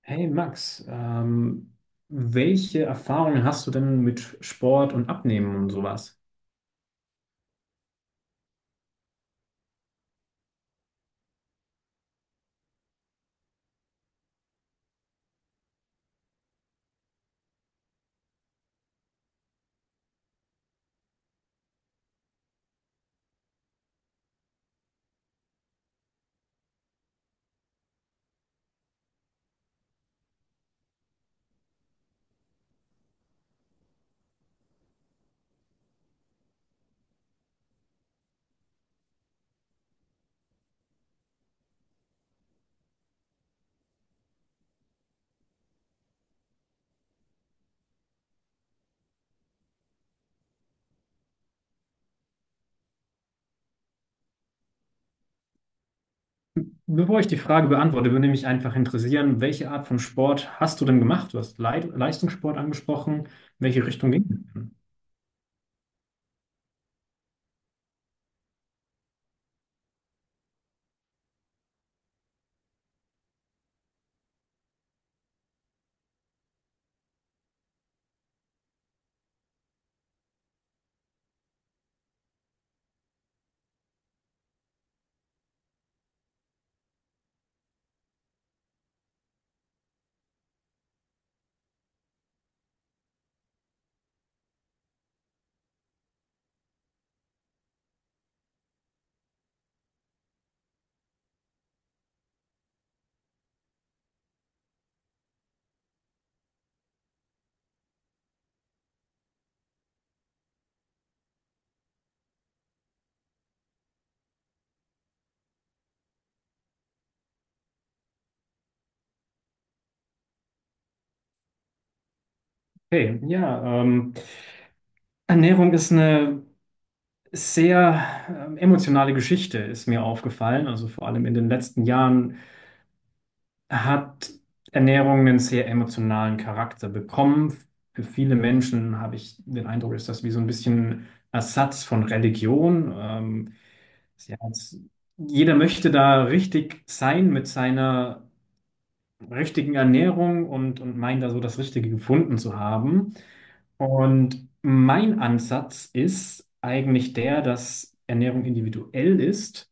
Hey Max, welche Erfahrungen hast du denn mit Sport und Abnehmen und sowas? Bevor ich die Frage beantworte, würde mich einfach interessieren, welche Art von Sport hast du denn gemacht? Du hast Leistungssport angesprochen. Welche Richtung ging es denn? Okay, ja, Ernährung ist eine sehr emotionale Geschichte, ist mir aufgefallen. Also vor allem in den letzten Jahren hat Ernährung einen sehr emotionalen Charakter bekommen. Für viele Menschen, habe ich den Eindruck, ist das wie so ein bisschen Ersatz von Religion. Sie hat's- Jeder möchte da richtig sein mit seiner richtigen Ernährung und meint da so das Richtige gefunden zu haben. Und mein Ansatz ist eigentlich der, dass Ernährung individuell ist.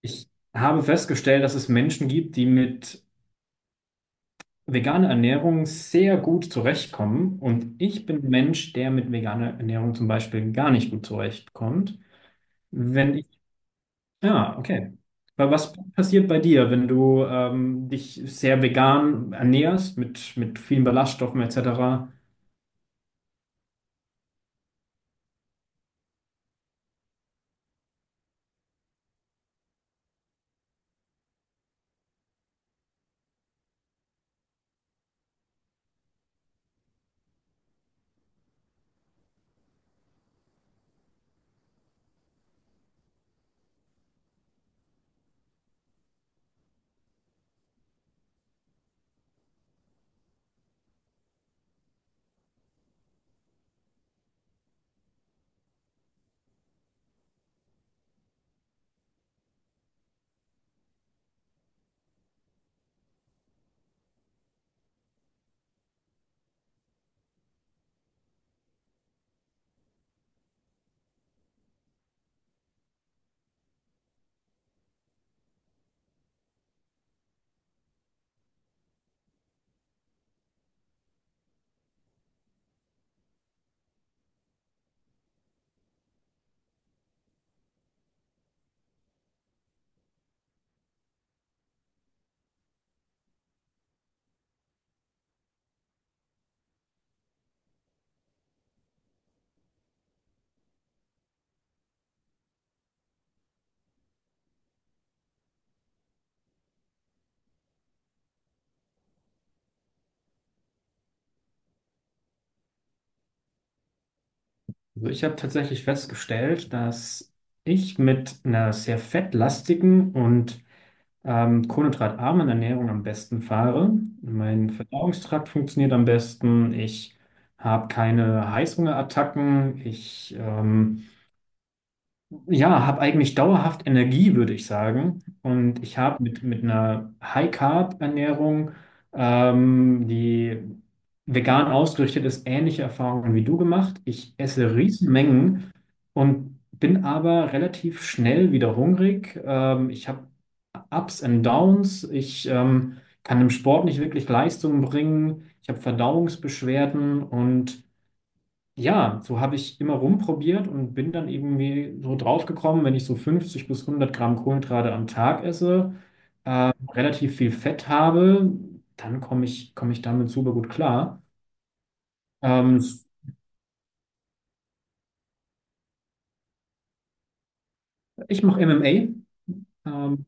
Ich habe festgestellt, dass es Menschen gibt, die mit vegane Ernährung sehr gut zurechtkommen. Und ich bin ein Mensch, der mit veganer Ernährung zum Beispiel gar nicht gut zurechtkommt. Wenn ich, ja, okay. Weil was passiert bei dir, wenn du dich sehr vegan ernährst, mit vielen Ballaststoffen etc.? Also ich habe tatsächlich festgestellt, dass ich mit einer sehr fettlastigen und kohlenhydratarmen Ernährung am besten fahre. Mein Verdauungstrakt funktioniert am besten. Ich habe keine Heißhungerattacken. Ich Ja, habe eigentlich dauerhaft Energie, würde ich sagen. Und ich habe mit einer High-Carb-Ernährung, die vegan ausgerichtet ist, ähnliche Erfahrungen wie du gemacht. Ich esse Riesenmengen und bin aber relativ schnell wieder hungrig. Ich habe Ups and Downs. Ich Kann im Sport nicht wirklich Leistung bringen. Ich habe Verdauungsbeschwerden und ja, so habe ich immer rumprobiert und bin dann irgendwie so draufgekommen, wenn ich so 50 bis 100 Gramm Kohlenhydrate am Tag esse, relativ viel Fett habe, dann komme ich damit super gut klar. Ähm, ich mache MMA. Ähm,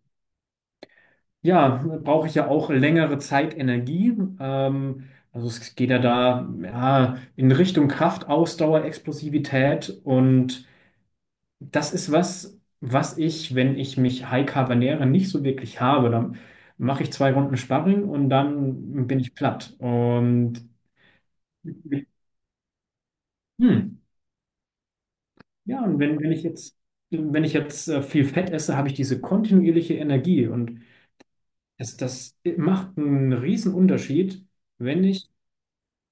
ja, brauche ich ja auch längere Zeit Energie. Ähm, also es geht ja da, in Richtung Kraft, Ausdauer, Explosivität und das ist was, was ich, wenn ich mich High-Carb ernähre, nicht so wirklich habe. Dann mache ich zwei Runden Sparring und dann bin ich platt. Und hm, ja, und wenn, wenn ich jetzt viel Fett esse, habe ich diese kontinuierliche Energie. Und das, das macht einen riesen Unterschied, wenn ich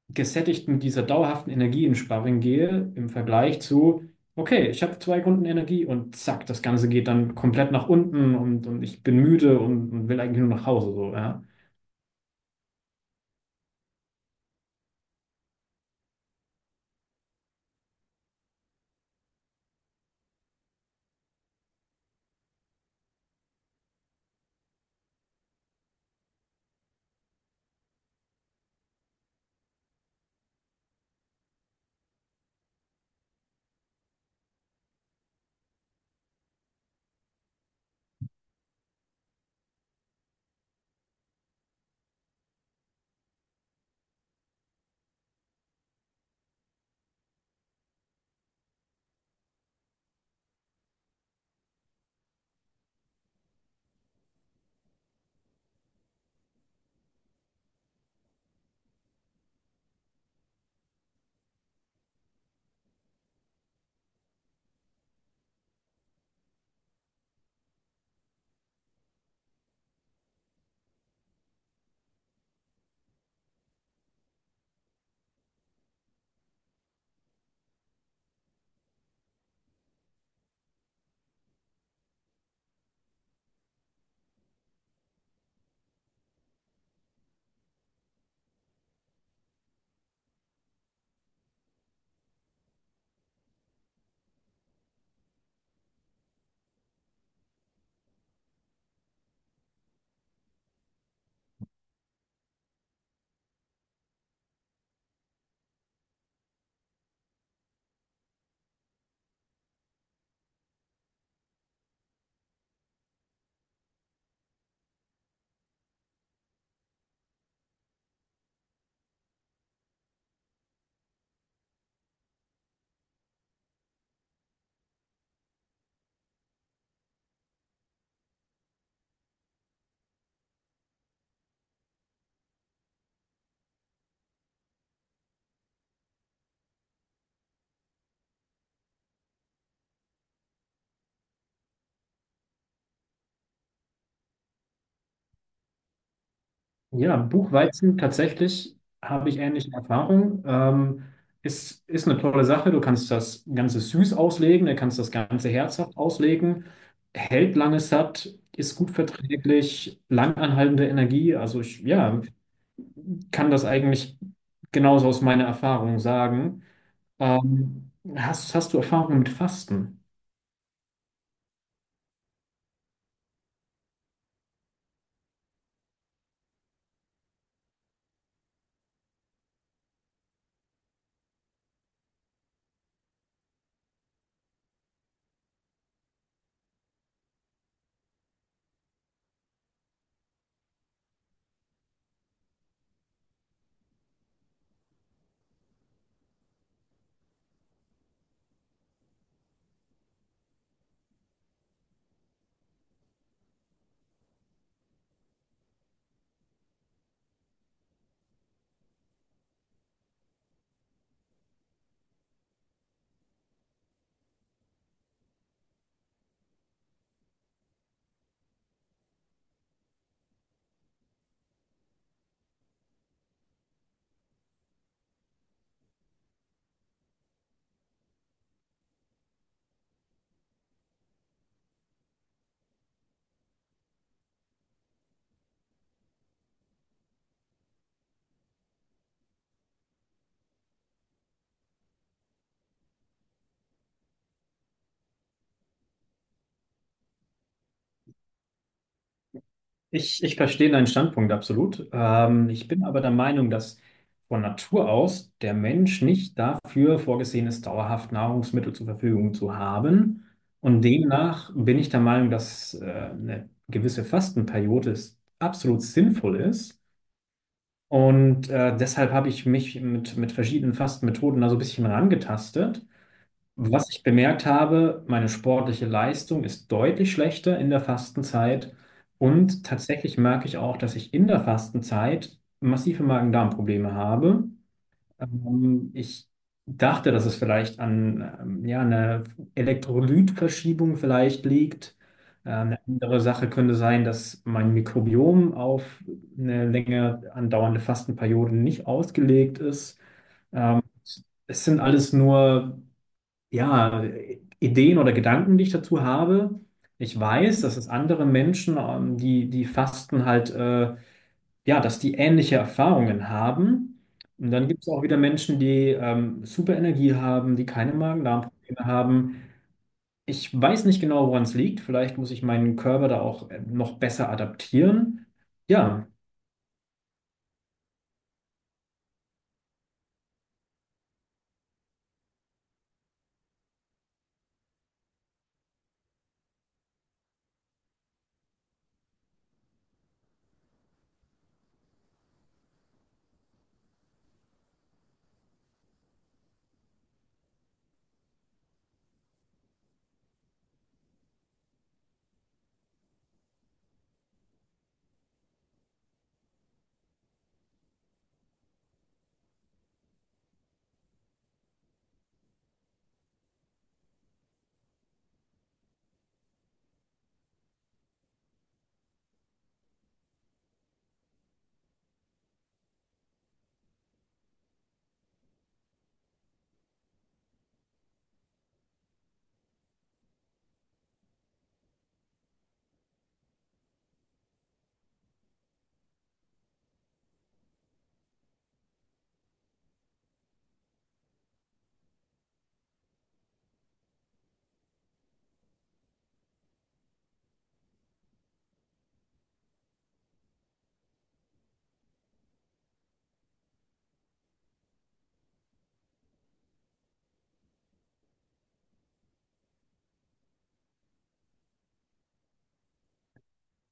gesättigt mit dieser dauerhaften Energie in Sparring gehe, im Vergleich zu, okay, ich habe zwei Runden Energie und zack, das Ganze geht dann komplett nach unten und ich bin müde und will eigentlich nur nach Hause. So, ja. Ja, Buchweizen tatsächlich, habe ich ähnliche Erfahrungen. Ist, ist eine tolle Sache. Du kannst das Ganze süß auslegen, du kannst das Ganze herzhaft auslegen. Hält lange satt, ist gut verträglich, langanhaltende Energie. Also ich, ja, kann das eigentlich genauso aus meiner Erfahrung sagen. Ähm, hast, hast du Erfahrungen mit Fasten? Ich verstehe deinen Standpunkt absolut. Ich bin aber der Meinung, dass von Natur aus der Mensch nicht dafür vorgesehen ist, dauerhaft Nahrungsmittel zur Verfügung zu haben. Und demnach bin ich der Meinung, dass eine gewisse Fastenperiode ist, absolut sinnvoll ist. Und deshalb habe ich mich mit verschiedenen Fastenmethoden da so ein bisschen rangetastet. Was ich bemerkt habe, meine sportliche Leistung ist deutlich schlechter in der Fastenzeit. Und tatsächlich merke ich auch, dass ich in der Fastenzeit massive Magen-Darm-Probleme habe. Ich dachte, dass es vielleicht an ja, einer Elektrolytverschiebung vielleicht liegt. Eine andere Sache könnte sein, dass mein Mikrobiom auf eine länger andauernde Fastenperiode nicht ausgelegt ist. Ähm, es sind alles nur ja, Ideen oder Gedanken, die ich dazu habe. Ich weiß, dass es andere Menschen, die, die fasten, halt, ja, dass die ähnliche Erfahrungen haben. Und dann gibt es auch wieder Menschen, die super Energie haben, die keine Magen-Darm-Probleme haben. Ich weiß nicht genau, woran es liegt. Vielleicht muss ich meinen Körper da auch noch besser adaptieren. Ja.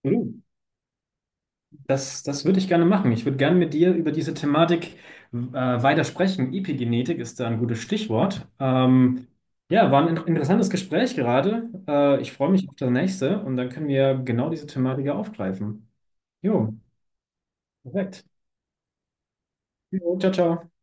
Und du? Das, das würde ich gerne machen. Ich würde gerne mit dir über diese Thematik äh, weiter sprechen. Epigenetik ist da ein gutes Stichwort. Ja, war ein interessantes Gespräch gerade. Ich freue mich auf das nächste und dann können wir genau diese Thematik ja aufgreifen. Jo, perfekt. Jo, ciao, ciao.